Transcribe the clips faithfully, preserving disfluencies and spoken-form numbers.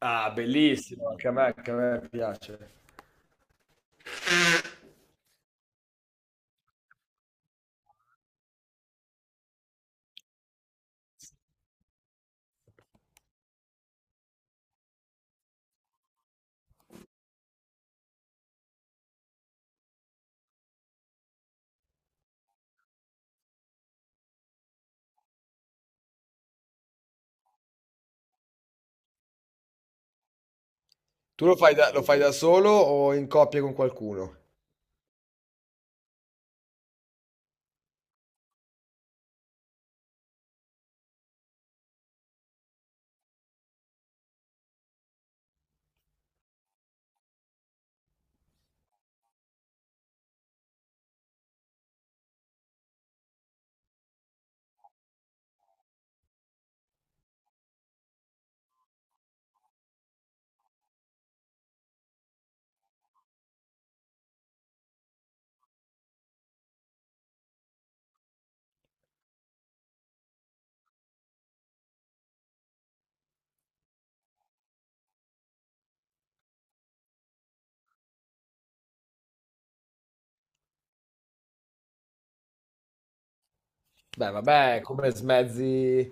Ah, bellissimo, anche a me, anche a me piace. Tu lo fai da, lo fai da solo o in coppia con qualcuno? Beh, vabbè, come smezzi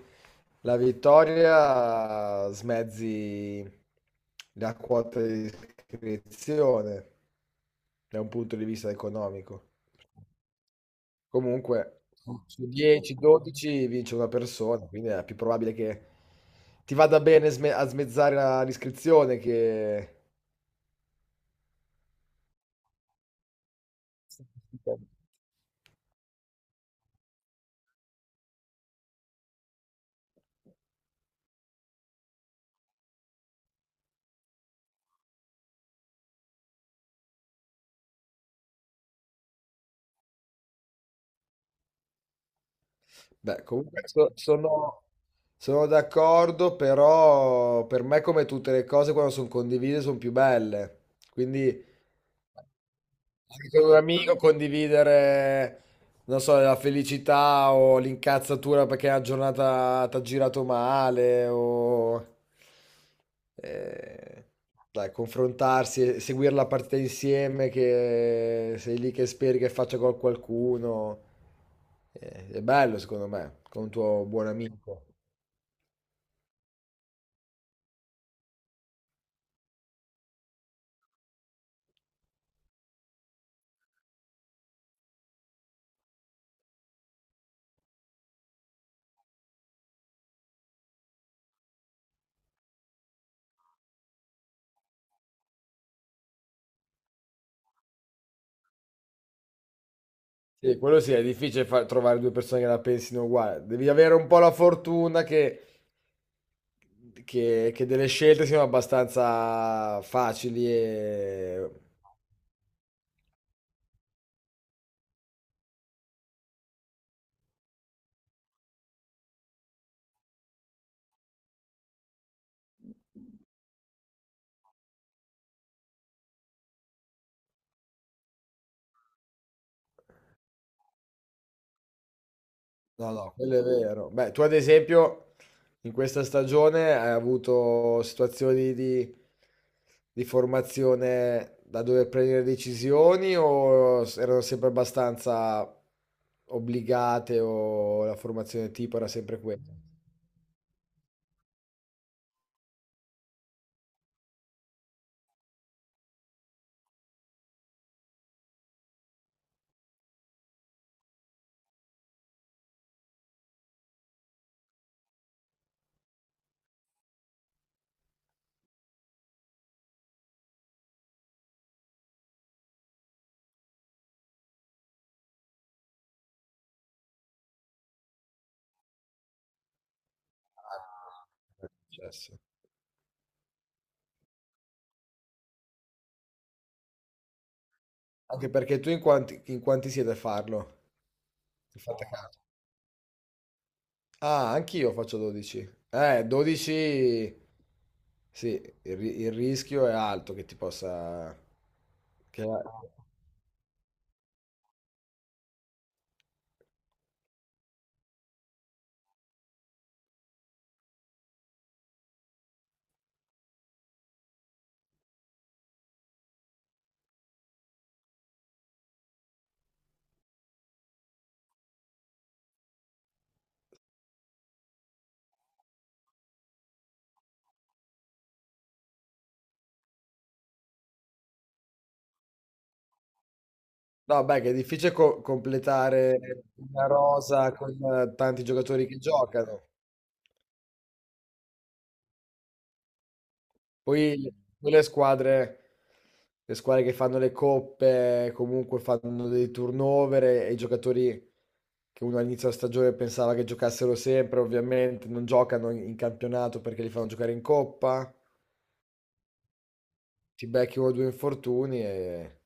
la vittoria, smezzi la quota di iscrizione da un punto di vista economico. Comunque, su dieci dodici vince una persona, quindi è più probabile che ti vada bene sme- a smezzare la- l'iscrizione che... Beh, comunque so- sono, sono d'accordo, però per me come tutte le cose quando sono condivise sono più belle. Quindi anche con un amico condividere, non so, la felicità o l'incazzatura perché la giornata ti ha girato male o... eh, dai, confrontarsi, e seguire la partita insieme che sei lì che speri che faccia gol qualcuno. Eh, è bello secondo me, con un tuo buon amico. Sì, quello sì, è difficile fa- trovare due persone che la pensino uguale. Devi avere un po' la fortuna che che, che delle scelte siano abbastanza facili e... No, no, quello è quello... vero. Beh, tu ad esempio in questa stagione hai avuto situazioni di, di formazione da dover prendere decisioni o s- erano sempre abbastanza obbligate o la formazione tipo era sempre quella? Ah, è successo. Anche perché tu in quanti, in quanti siete a farlo? Fate caso. Ah, anch'io faccio dodici. Eh, dodici... Sì, il, ri- il rischio è alto che ti possa... Che... No, beh, che è difficile co- completare una rosa con eh, tanti giocatori che giocano. Poi, poi le squadre, le squadre che fanno le coppe, comunque fanno dei turnover e, e i giocatori che uno all'inizio della stagione pensava che giocassero sempre, ovviamente non giocano in in campionato perché li fanno giocare in coppa. Ti becchi un o due infortuni e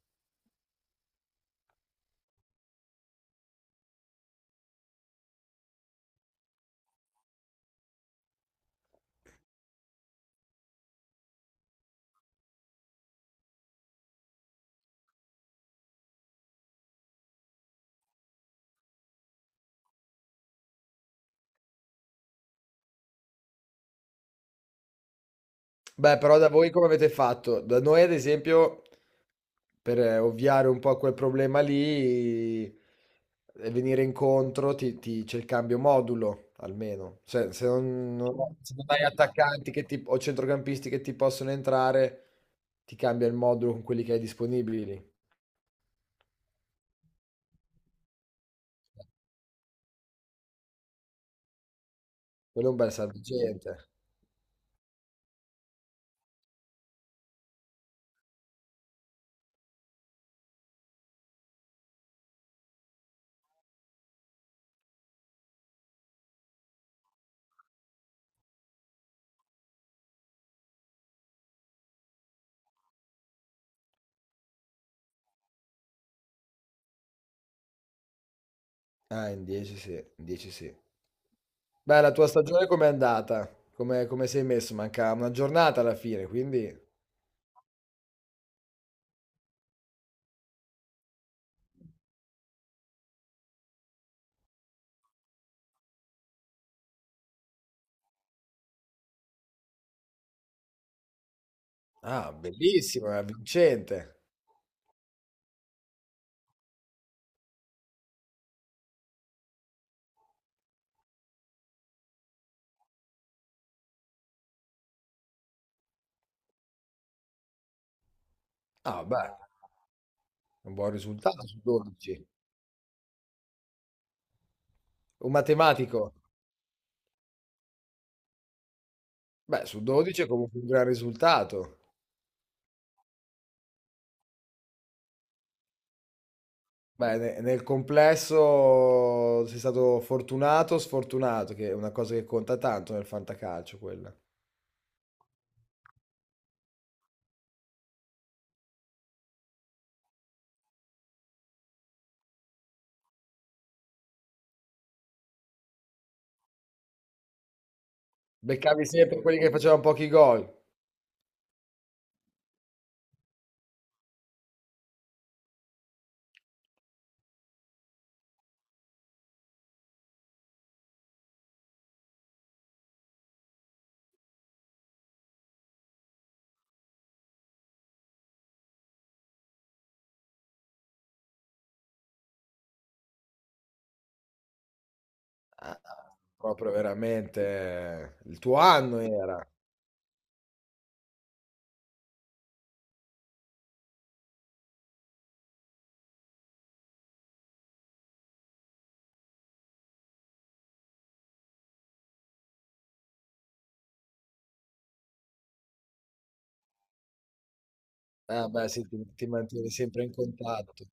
beh, però da voi come avete fatto? Da noi ad esempio, per eh, ovviare un po' a quel problema lì e venire incontro ti ti c'è il cambio modulo, almeno. Cioè, se non non se non hai attaccanti che ti o centrocampisti che ti possono entrare, ti cambia il modulo con quelli che hai disponibili. Quello è un bel salvagente. Ah, in dieci sì, in dieci sì. Beh, la tua stagione com'è andata? Come come sei messo? Manca una giornata alla fine, quindi ah, bellissimo, è vincente. Ah, beh, un buon risultato su dodici. Un matematico, beh, su dodici è comunque un gran risultato. Beh, ne- nel complesso sei stato fortunato o sfortunato, che è una cosa che conta tanto nel fantacalcio, quella. Beccavi sempre quelli che facevano pochi gol. Ah, proprio veramente il tuo anno era. Ah, beh, sì, ti, ti mantieni sempre in contatto.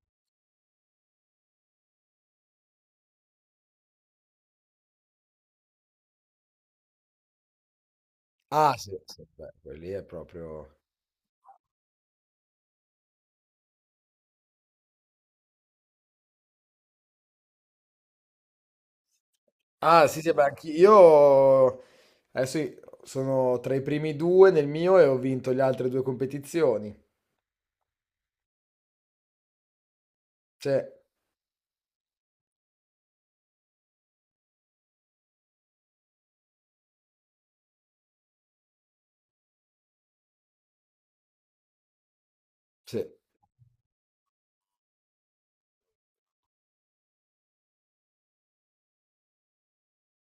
Ah, sì, sì, beh, quelli è proprio... Ah, sì, sì, beh, anch'io adesso i- sono tra i primi due nel mio e ho vinto le altre due competizioni. Sì, sì.